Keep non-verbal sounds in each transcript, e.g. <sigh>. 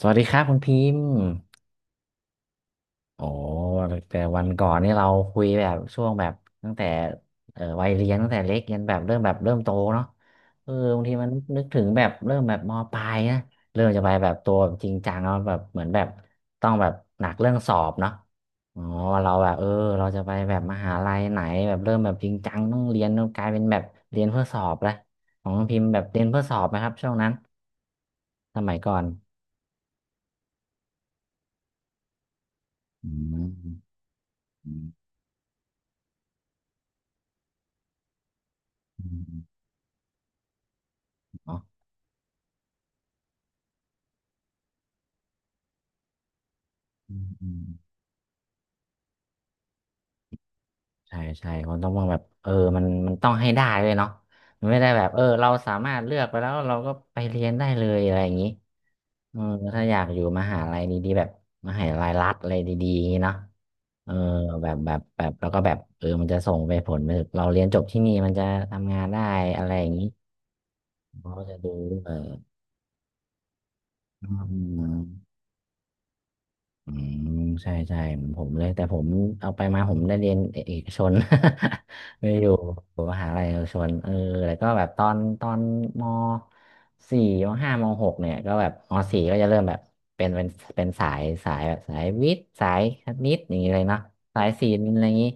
สวัสดีครับคุณพิมพ์โอ้แต่วันก่อนนี่เราคุยแบบช่วงแบบตั้งแต่วัยเรียนตั้งแต่เล็กยันแบบเริ่มแบบเริ่มโตเนาะเออบางทีมันนึกถึงแบบเริ่มแบบมปลายนะเริ่มจะไปแบบตัวจริงจังแล้วแบบเหมือนแบบต้องแบบหนักเรื่องสอบเนาะอ๋อว่าเราแบบเออเราจะไปแบบมหาลัยไหนแบบเริ่มแบบจริงจังต้องเรียนต้องกลายเป็นแบบเรียนเพื่อสอบละของคุณพิมพ์แบบเรียนเพื่อสอบไหมครับช่วงนั้นสมัยก่อนอืมอืมอืม อืมอืมใช่ใช่มันต้องว่าแบบเออมันต้องให้ได้เลยเนาะมันไม่ได้แบบเออเราสามารถเลือกไปแล้วเราก็ไปเรียนได้เลยอะไรอย่างนี้เออถ้าอยากอยู่มหาลัยดีๆแบบมหาลัยรัฐอะไรดีๆอย่างงี้เนาะเออแบบแบบแบบแล้วก็แบบเออมันจะส่งไปผลไปถึงเราเรียนจบที่นี่มันจะทำงานได้อะไรอย่างนี้เขาก็จะดูด้วยอืม อืมใช่ใช่ผมเลยแต่ผมเอาไปมาผมได้เรียนเอกชน <laughs> ไม่อยู่ผมมหาลัยเอกชนเออแล้วก็แบบตอนมสี่มห้ามหกเนี่ยก็แบบมสี่ก็จะเริ่มแบบเป็นเป็นเป็นสายแบบสายวิทย์สายคณิตอย่างนี้เลยเนาะสายศิลป์อะไรอย่างนี้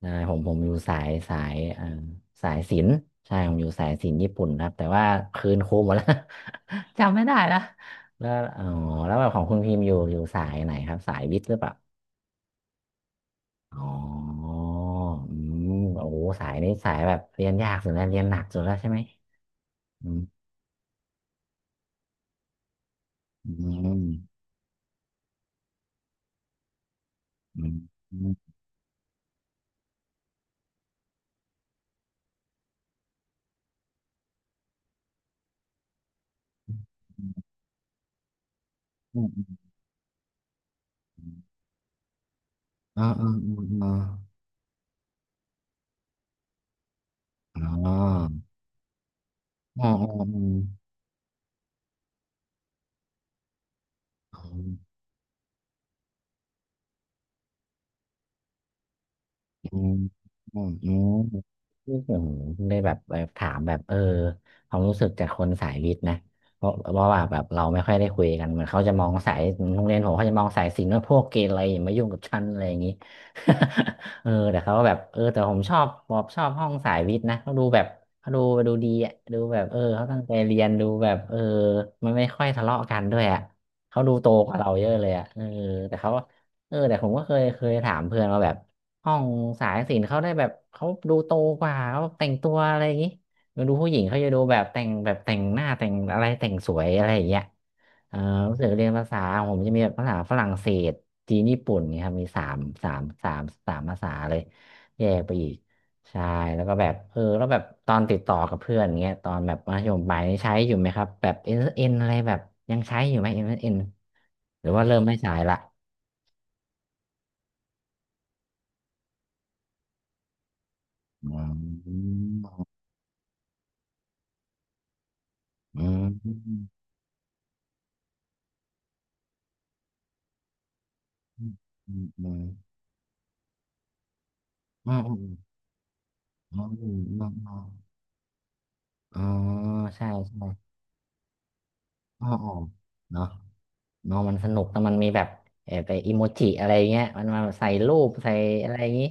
ใช่ผมอยู่สายสายศิลป์ใช่ผมอยู่สายศิลป์ญี่ปุ่นครับแต่ว่าคืนครูหมดแล้ว <laughs> จำไม่ได้ละแล้วอ๋อแล้วแบบของคุณพิมพ์อยู่สายไหนครับสายวิทย์หรือเปล่าอ๋ออืมโอ้โหสายนี้สายแบบเรียนยากสุดแล้วเรียนหนักสุดแล้วใช่ไหมอืมอืมอืมอืมอืมอืมอืมอืมอืมอืมอ๋ออ๋ออ๋ออ๋อ อืมอืมอืมที่ผมได้แบบถามแบบเออความรู้สึกจากคนสายวิทย์นะเพราะว่าแบบเราไม่ค่อยได้คุยกันเหมือนเขาจะมองสายโรงเรียนผมเขาจะมองสายศิลป์ว่าพวกเกเรอย่ามายุ่งกับฉันอะไรอย่างนี้ <laughs> เออแต่เขาก็แบบเออแต่ผมชอบผมชอบห้องสายวิทย์นะเขาดูแบบเขาดูดีอ่ะดูแบบเออเขาตั้งใจเรียนดูแบบเออมันไม่ค่อยทะเลาะกันด้วยอ่ะเขาดูโตกว่าเราเยอะเลยอ่ะเออแต่เขาเออแต่ผมก็เคยถามเพื่อนว่าแบบ ห้องสายศิลป์เขาได้แบบเขาดูโตกว่าเขาแต่งตัวอะไรอย่างนี้มาดูผู้หญิงเขาจะดูแบบแต่งแบบแต่งหน้าแต่งอะไรแต่งสวยอะไรอย่างเงี้ยเออรู้สึกเรียนภาษาผมจะมีแบบภาษาฝรั่งเศสจีนญี่ปุ่นเนี่ยครับมีสามสามสามภาษาเลยแยกไปอีกใช่แล้วก็แบบเออแล้วแบบตอนติดต่อกับเพื่อนเงี้ยตอนแบบมัธยมปลายนี่ใช้อยู่ไหมครับแบบเอ็นเอ็นอะไรแบบยังใช้อยู่ไหมเอ็นเอ็นหรือว่าเริ่มไม่ใช้ละอืมอืม อืมอืมอืมอืมอืมอืมอืมอืมอ๋อใช่ใช่อ๋ออ๋อเนาะเนาะมันสนุกแต่มันมีแบบเออไปอิโมจิอะไรเงี้ยมันมาใส่รูปใส่อะไรอย่างงี้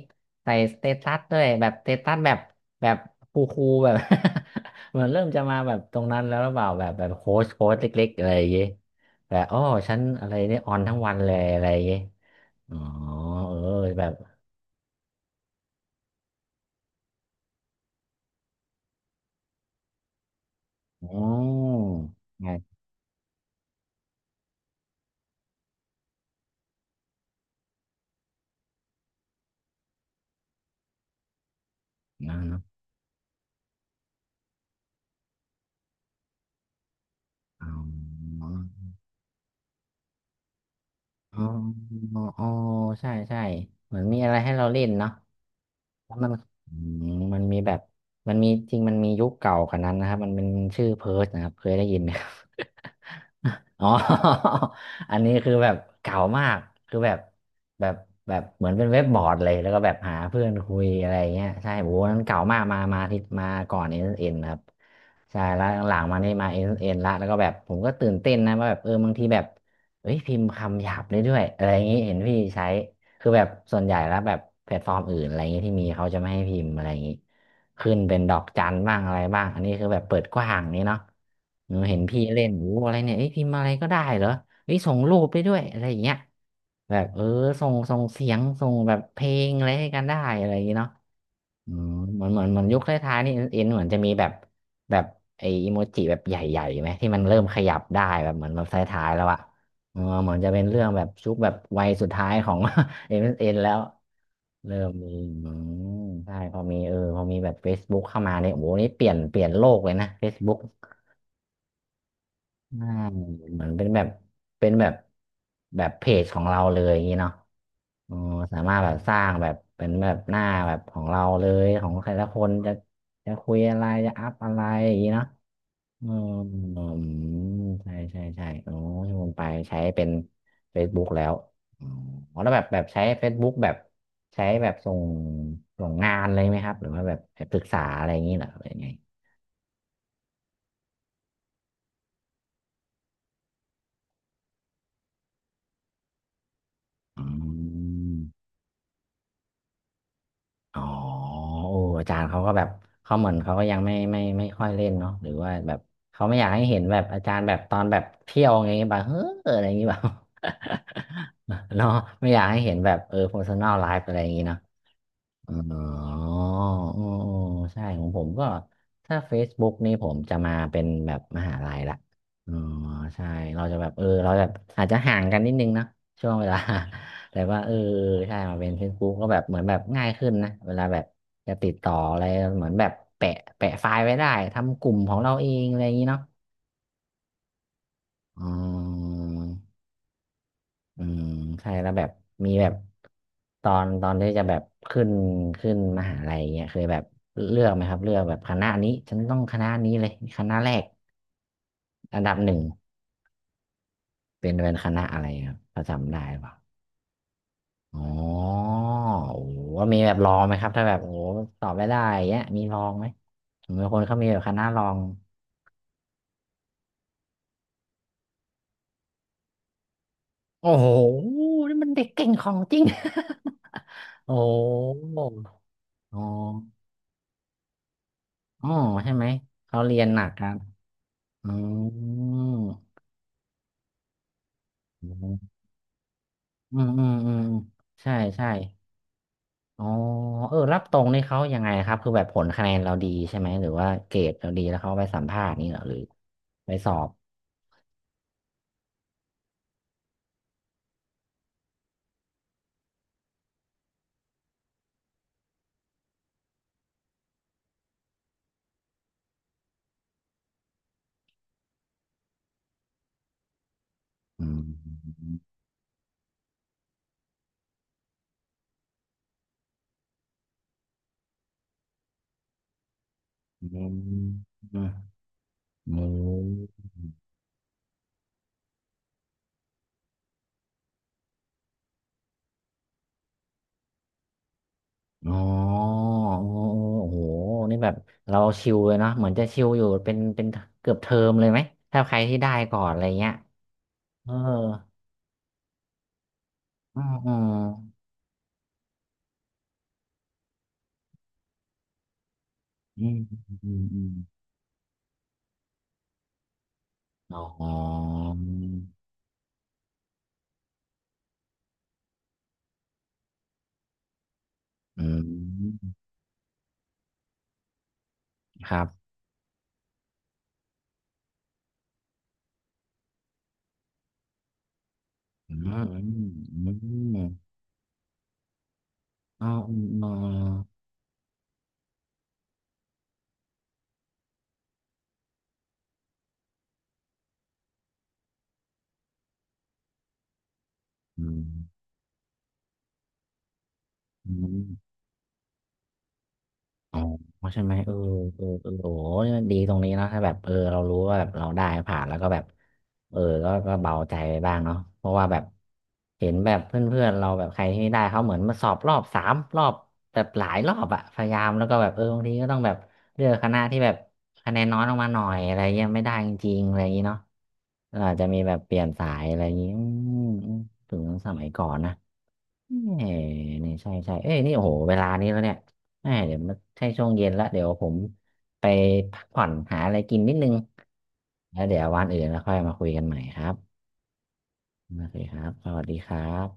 ใส่สเตตัสด้วยแบบสเตตัสแบบแบบคูลๆแบบ <laughs> เหมือนเริ่มจะมาแบบตรงนั้นแล้วหรือเปล่าแบบแบบโค้ชเล็กๆอะไรอย่างงี้แบบอ๋อฉันอะไรเนี่ยออนทั้งวันเลยอะไรอย่างงี้อ๋อเออแบบอ๋อไงนะเนาะอ๋อ อ๋ออ๋อ ใช่ใช่เหมือนมีอะไรให้เราเล่นเนาะ แล้วมันอืมมันมีแบบมันมีจริงมันมียุคเก่ากว่านั้นนะครับมันเป็นชื่อเพิร์ทนะครับเคยได้ยินไหมครับ <laughs> อ๋อ <laughs> อันนี้คือแบบเก่ามากคือแบบแบบเหมือนเป็นเว็บบอร์ดเลยแล้วก็แบบหาเพื่อนคุยอะไรเงี้ยใช่โอ้โหนั้นเก่ามากมาที่มาก่อนเอ็นเอ็นครับใช่แล้วหลังๆมานี่มาเอ็นเอ็นละแล้วก็แบบผมก็ตื่นเต้นนะว่าแบบเออบางทีแบบเอ้ยพิมพ์คำหยาบได้ด้วยอะไรอย่างนี้เห็นพี่ใช้ คือแบบส่วนใหญ่แล้วแบบแพลตฟอร์มอื่นอะไรเงี้ยที่มีเขาจะไม่ให้พิมพ์อะไรอย่างงี้ขึ้นเป็นดอกจันบ้างอะไรบ้างอันนี้คือแบบเปิดกว้างนี่เนาะหนูเห็นพี่เล่นโอ้อะไรเนี่ยเอ้ยพิมพ์อะไรก็ได้เหรอเอ้ยส่งรูปได้ด้วยอะไรอย่างเงี้ยแบบเออส่งเสียงส่งแบบเพลงอะไรให้กันได้อะไรอย่างงี้เนาะ อืมเหมือนเหมือนเหมืนยุคท้ายๆนี่เอ็นเหมือนจะมีแบบแบบไออีโมจิแบบใหญ่ๆไหมที่มันเริ่มขยับได้แบบเหมือนแบบท้ายๆแล้วอะเออเหมือนจะเป็นเรื่องแบบชุกแบบวัยสุดท้ายของ <laughs> เอ็นแล้วเริ่มมีอืมใช่พอมีพอมีแบบ Facebook เข้ามาเนี่ยโอ้โหนี่เปลี่ยนโลกเลยนะ Facebook อ่าเหมือนเป็นแบบเป็นแบบแบบเพจของเราเลยอย่างนี้เนาะอ๋อสามารถแบบสร้างแบบเป็นแบบหน้าแบบของเราเลยของใครละคนจะคุยอะไรจะอัพอะไรอย่างนี้เนาะอืมอืมใช่ใช่ใช่โอ้ที่ผมไปใช้เป็น Facebook แล้วอ๋อแล้วแบบใช้ Facebook แบบใช้แบบส่งงานเลยไหมครับหรือว่าแบบไปปรึกษาอะไรอย่างนี้เหรอหรือยังไงอืม อ๋อโอ้อาจารย์เขาก็แบบเขาเหมือนเขาก็ยังไม่ค่อยเล่นเนาะหรือว่าแบบเขาไม่อยากให้เห็นแบบอาจารย์แบบตอนแบบเที่ยวไงแบบเฮ้ออะไรอย่างงี้แบบ <laughs> เนาะไม่อยากให้เห็นแบบpersonal life อะไรอย่างงี้เนาะ อ๋ออ๋ออ๋อใช่ของผมก็ถ้า Facebook นี่ผมจะมาเป็นแบบมหาลัยละอ๋อใช่เราจะแบบเราแบบอาจจะห่างกันนิดนึงเนอะช่วงเวลา <laughs> แต่ว่าใช่มาเป็น Facebook ก็แบบเหมือนแบบง่ายขึ้นนะเวลาแบบจะติดต่ออะไรเหมือนแบบแปะไฟล์ไว้ได้ทำกลุ่มของเราเองอะไรอย่างนี้เนาะอ๋อ อืมใช่แล้วแบบมีแบบตอนที่จะแบบขึ้นขึ้นมหาลัยเนี่ยเคยแบบเลือกไหมครับเลือกแบบคณะนี้ฉันต้องคณะนี้เลยคณะแรกอันดับหนึ่งเป็นคณะอะไรครับพอจำได้หรือเปล่าอ๋อโอ้โหว่ามีแบบลองไหมครับถ้าแบบโอ้โหตอบไม่ได้อย่างเงี้ยมีลองไหมผมเป็นคนเขามีแบบคณะลองโอ้โหนี่มันเด็กเก่งของจริง <laughs> โอ้โหอ๋ออ๋อใช่ไหมเขาเรียนหนักครับ อ๋อออืมใช่ใช่อ๋อเออ รับตรงนี่เขายังไงครับคือแบบผลคะแนนเราดีใช่ไหมหรือว่าเกรดเราดีแล้วเขาไปสัมภาษณ์นี่เหรอหรือไปสอบอืมอืมอืมอืมอ๋อโอ้โหนี่แบบเราชิลเลยเนาะเหมือนจะชิลอยู่เป็นเกือบเทอมเลยไหมถ้าใครที่ได้ก่อนอะไรเงี้ยเอออืมอืมอืมอืม อ๋ออืมครับอืมอืมอ๋ออืมอืม อ๋อใช่ไหมเออโอ้ยดีตรงนี้เนอะถ้าแบบเรารู้ว่าแบบเราได้ผ่านแล้วก็แบบเออก็เบาใจไปบ้างเนาะเพราะว่าแบบเห็นแบบเพื่อนๆเราแบบใครที่ได้เขาเหมือนมาสอบรอบสามรอบแบบหลายรอบอะพยายามแล้วก็แบบบางทีก็ต้องแบบเลือกคณะที่แบบคะแนนน้อยลงมาหน่อยอะไรเงี้ยไม่ได้จริงๆอะไรอย่างงี้เนาะเราอาจจะมีแบบเปลี่ยนสายอะไรอย่างงี้อืมถึงสมัยก่อนนะ เอ้นี่ใช่ใช่เอ้ยนี่โอ้โหเวลานี้แล้วเนี่ยแอมเดี๋ยวมันใช่ช่วงเย็นละเดี๋ยวผมไปพักผ่อนหาอะไรกินนิดนึงแล้วเดี๋ยววันอื่นแล้วค่อยมาคุยกันใหม่ครับโอเคครับสวัสดีครับ